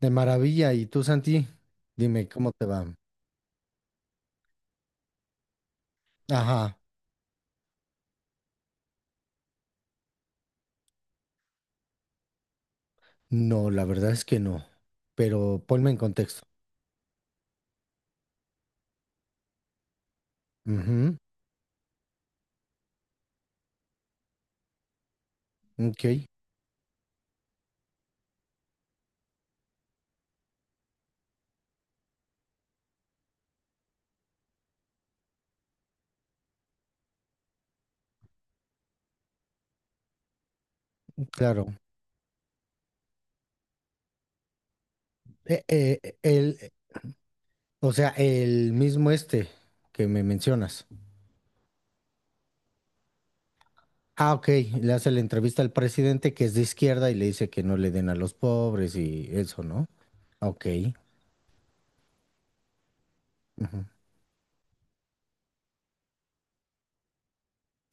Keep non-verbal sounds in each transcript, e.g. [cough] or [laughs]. De maravilla. ¿Y tú, Santi? Dime, ¿cómo te va? Ajá. No, la verdad es que no. Pero ponme en contexto. Ujú. Ok, claro. Eh, eh, el, o sea, el mismo este que me mencionas. Ah, ok. Le hace la entrevista al presidente que es de izquierda y le dice que no le den a los pobres y eso, ¿no? Ok. Ujú.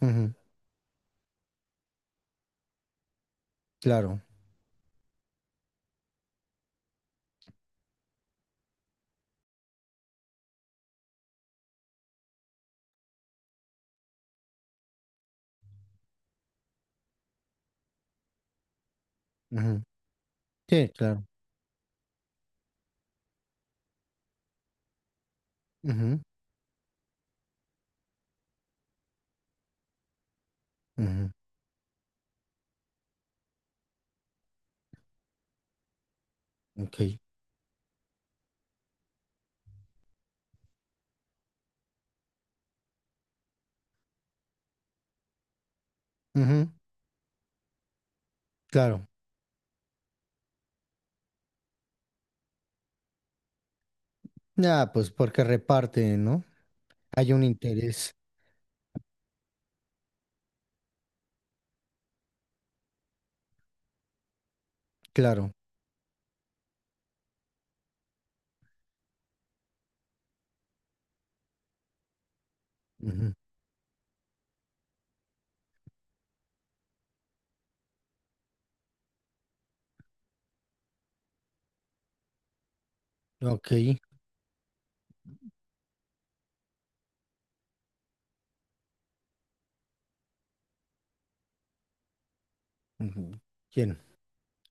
Ujú. Claro. Ujú. Sí, claro. Ujú. Ujú. Ok. Ujú. Claro. Ah, pues porque reparten, ¿no? Hay un interés, claro. Ujú. Ok. Ujú. ¿Quién?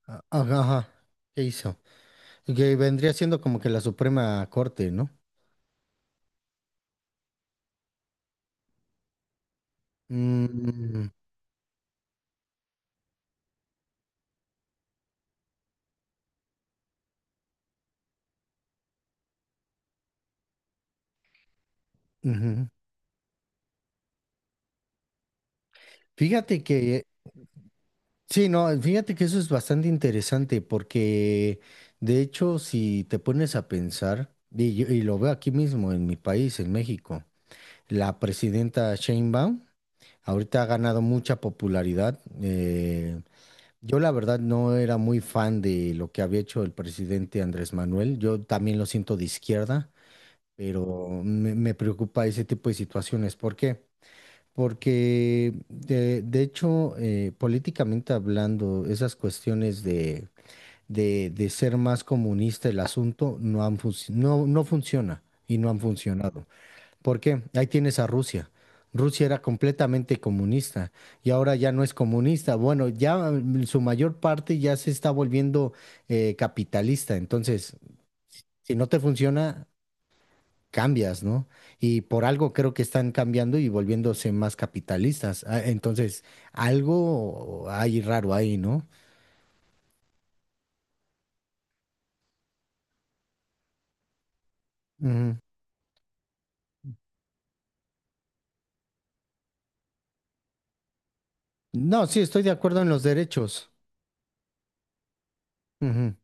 Ah. Ajá, ajá. ¿Qué hizo? Que vendría siendo como que la Suprema Corte, ¿no? Mm. Ujú. Fíjate que, sí, no, fíjate que eso es bastante interesante porque, de hecho, si te pones a pensar, y lo veo aquí mismo en mi país, en México. La presidenta Sheinbaum ahorita ha ganado mucha popularidad. Yo la verdad no era muy fan de lo que había hecho el presidente Andrés Manuel. Yo también lo siento de izquierda, pero me preocupa ese tipo de situaciones. ¿Por qué? Porque de hecho, políticamente hablando, esas cuestiones de ser más comunista el asunto no funciona y no han funcionado. ¿Por qué? Ahí tienes a Rusia. Rusia era completamente comunista y ahora ya no es comunista. Bueno, ya su mayor parte ya se está volviendo capitalista. Entonces, si no te funciona, cambias, ¿no? Y por algo creo que están cambiando y volviéndose más capitalistas. Ah, entonces, algo hay raro ahí, ¿no? Ujú. No, sí, estoy de acuerdo en los derechos. Ujú.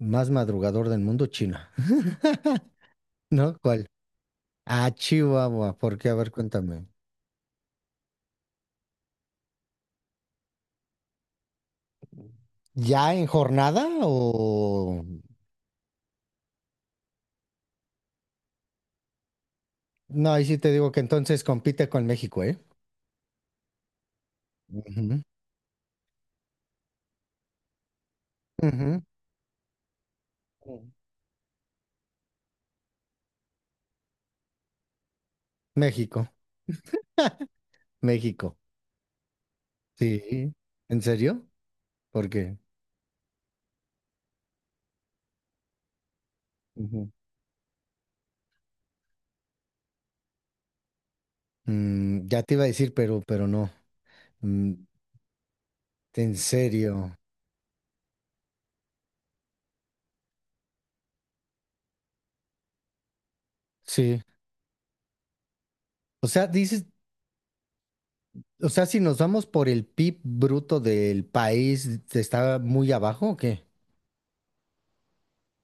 Más madrugador del mundo, China. [laughs] ¿No? ¿Cuál? Ah, Chihuahua. ¿Por qué? A ver, cuéntame. ¿Ya en jornada o...? No, ahí sí te digo que entonces compite con México, ¿eh? Ujú, ujú. Mm. México. México. Sí. ¿En serio? ¿Por qué? Ujú. Mm, ya te iba a decir, pero no. Mm, en serio. Sí. O sea, dices, o sea, si nos vamos por el PIB bruto del país, ¿te ¿está muy abajo o qué?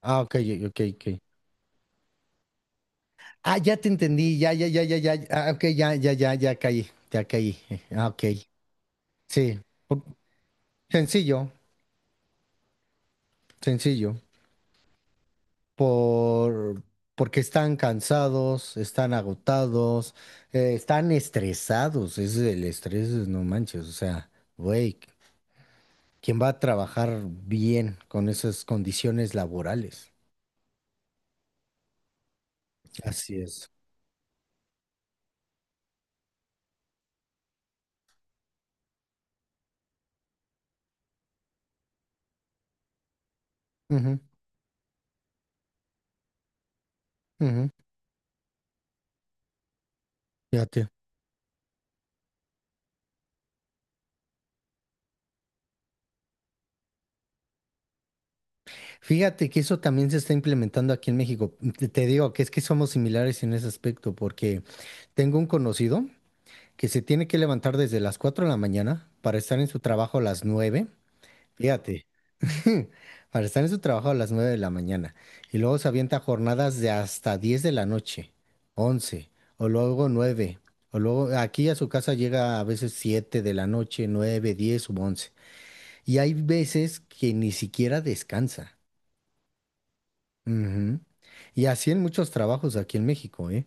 Ah, ok, ok, ok. Ah, ya te entendí, ya, ya, ya, ya, ya, ah, ok, ya, ya, ya, ya caí, ah, ok, sí. Por- Sencillo, sencillo, por, porque están cansados, están agotados, están estresados, ese es el estrés, no manches, o sea, güey, ¿quién va a trabajar bien con esas condiciones laborales? Así es. Ujú, ujú, ya. Fíjate que eso también se está implementando aquí en México. Te digo que es que somos similares en ese aspecto, porque tengo un conocido que se tiene que levantar desde las 4 de la mañana para estar en su trabajo a las 9. Fíjate. [laughs] Para estar en su trabajo a las 9 de la mañana. Y luego se avienta jornadas de hasta 10 de la noche, 11 o luego 9. O luego aquí a su casa llega a veces 7 de la noche, 9, 10, u 11. Y hay veces que ni siquiera descansa. Ujú. Y así en muchos trabajos aquí en México, ¿eh?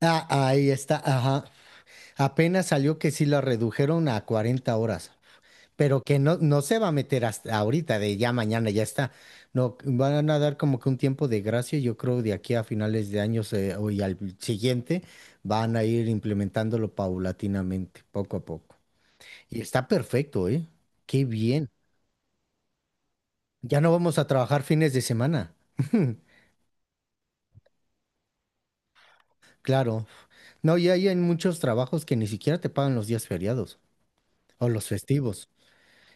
Ah, ahí está, ajá. Apenas salió que sí la redujeron a 40 horas, pero que no, no se va a meter hasta ahorita, de ya mañana, ya está. No, van a dar como que un tiempo de gracia, yo creo de aquí a finales de años o y al siguiente van a ir implementándolo paulatinamente, poco a poco. Y está perfecto, ¿eh? Qué bien. Ya no vamos a trabajar fines de semana. [laughs] Claro. No, y hay en muchos trabajos que ni siquiera te pagan los días feriados o los festivos.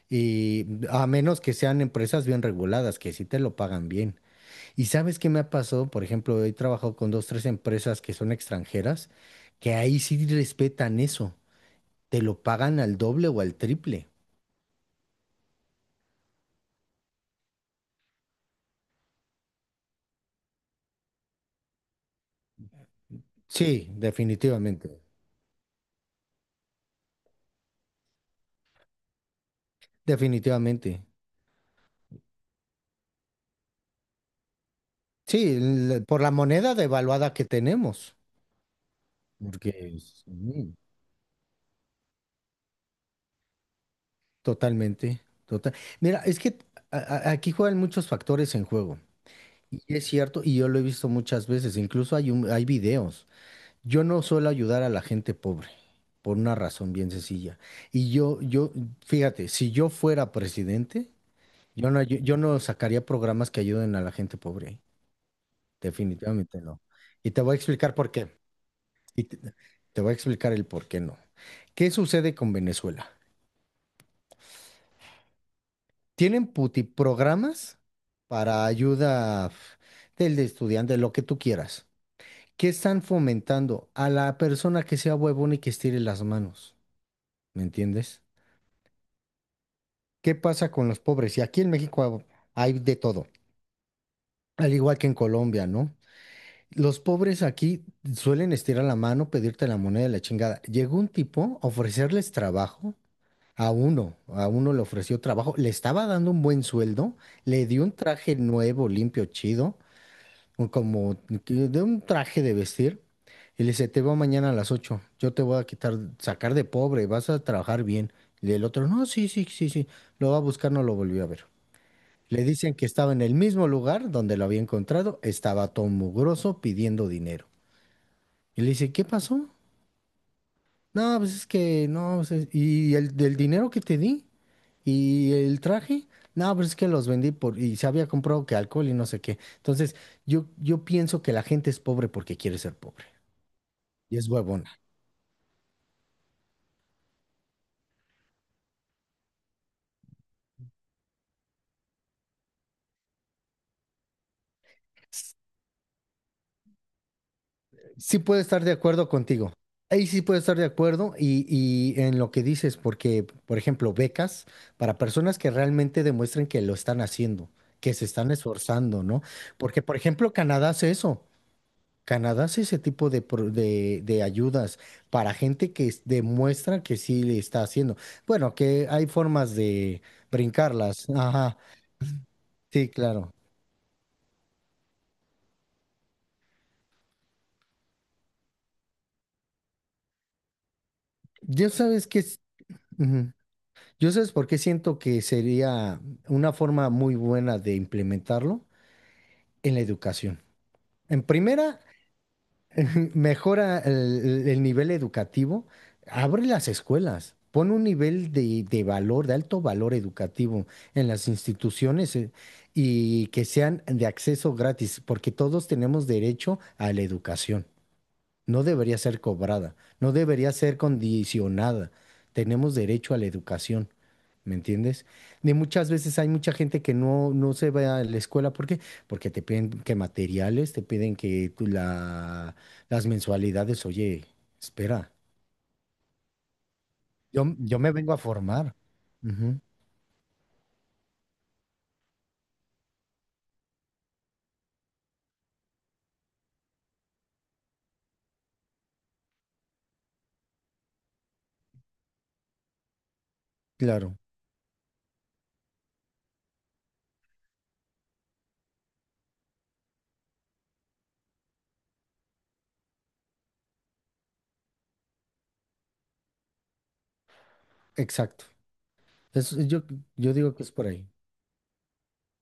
Y a menos que sean empresas bien reguladas, que sí te lo pagan bien. ¿Y sabes qué me ha pasado? Por ejemplo, he trabajado con dos, tres empresas que son extranjeras, que ahí sí respetan eso. Te lo pagan al doble o al triple. Sí, definitivamente. Definitivamente. Sí, por la moneda devaluada que tenemos. Porque sí. Totalmente, total. Mira, es que aquí juegan muchos factores en juego. Y es cierto, y yo lo he visto muchas veces, incluso hay videos. Yo no suelo ayudar a la gente pobre, por una razón bien sencilla. Y fíjate, si yo fuera presidente, yo no sacaría programas que ayuden a la gente pobre. Definitivamente no. Y te voy a explicar por qué. Y te voy a explicar el por qué no. ¿Qué sucede con Venezuela? Tienen puti programas para ayuda f- del de estudiante, lo que tú quieras. ¿Qué están fomentando? A la persona que sea huevona y que estire las manos. ¿Me entiendes? ¿Qué pasa con los pobres? Y aquí en México hay de todo, al igual que en Colombia, ¿no? Los pobres aquí suelen estirar la mano, pedirte la moneda de la chingada. Llegó un tipo a ofrecerles trabajo a uno le ofreció trabajo, le estaba dando un buen sueldo, le dio un traje nuevo, limpio, chido un- como de un traje de vestir y le dice, te veo mañana a las 8, yo te voy a quitar, sacar de pobre, vas a trabajar bien. Y el otro, no, sí, sí, sí, sí, lo va a buscar, no lo volvió a ver. Le dicen que estaba en el mismo lugar donde lo había encontrado, estaba todo mugroso pidiendo dinero. Y le dice, ¿qué pasó? No, pues es que no, y el del dinero que te di y el traje, no, pues es que los vendí por y se había comprado que alcohol y no sé qué. Entonces, yo pienso que la gente es pobre porque quiere ser pobre y es huevona. S- Sí puedo estar de acuerdo contigo. Ahí sí puedo estar de acuerdo y en lo que dices, porque, por ejemplo, becas para personas que realmente demuestren que lo están haciendo, que se están esforzando, ¿no? Porque, por ejemplo, Canadá hace eso. Canadá hace ese tipo de, de ayudas para gente que demuestra que sí le está haciendo. Bueno, que hay formas de brincarlas. Ajá, sí, claro. Yo sabes que. Ujú. Yo sabes por qué siento que sería una forma muy buena de implementarlo en la educación. En primera, [laughs] mejora el nivel educativo, abre las escuelas, pone un nivel de, de alto valor educativo en las instituciones y que sean de acceso gratis, porque todos tenemos derecho a la educación. No debería ser cobrada, no debería ser condicionada. Tenemos derecho a la educación, ¿me entiendes? De muchas veces hay mucha gente que no se va a la escuela. ¿Por qué? Porque te piden que materiales, te piden las mensualidades. Oye, espera, yo me vengo a formar. Ujú. Claro, exacto. Es- yo, yo digo que es por ahí.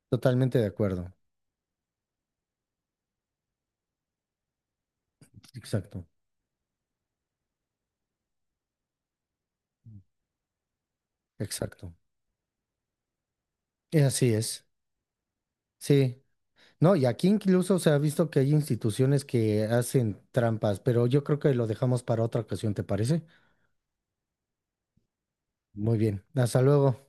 Totalmente de acuerdo. Exacto, exacto. Así es. Sí. No, y aquí incluso se ha visto que hay instituciones que hacen trampas, pero yo creo que lo dejamos para otra ocasión, ¿te parece? Muy bien, hasta luego.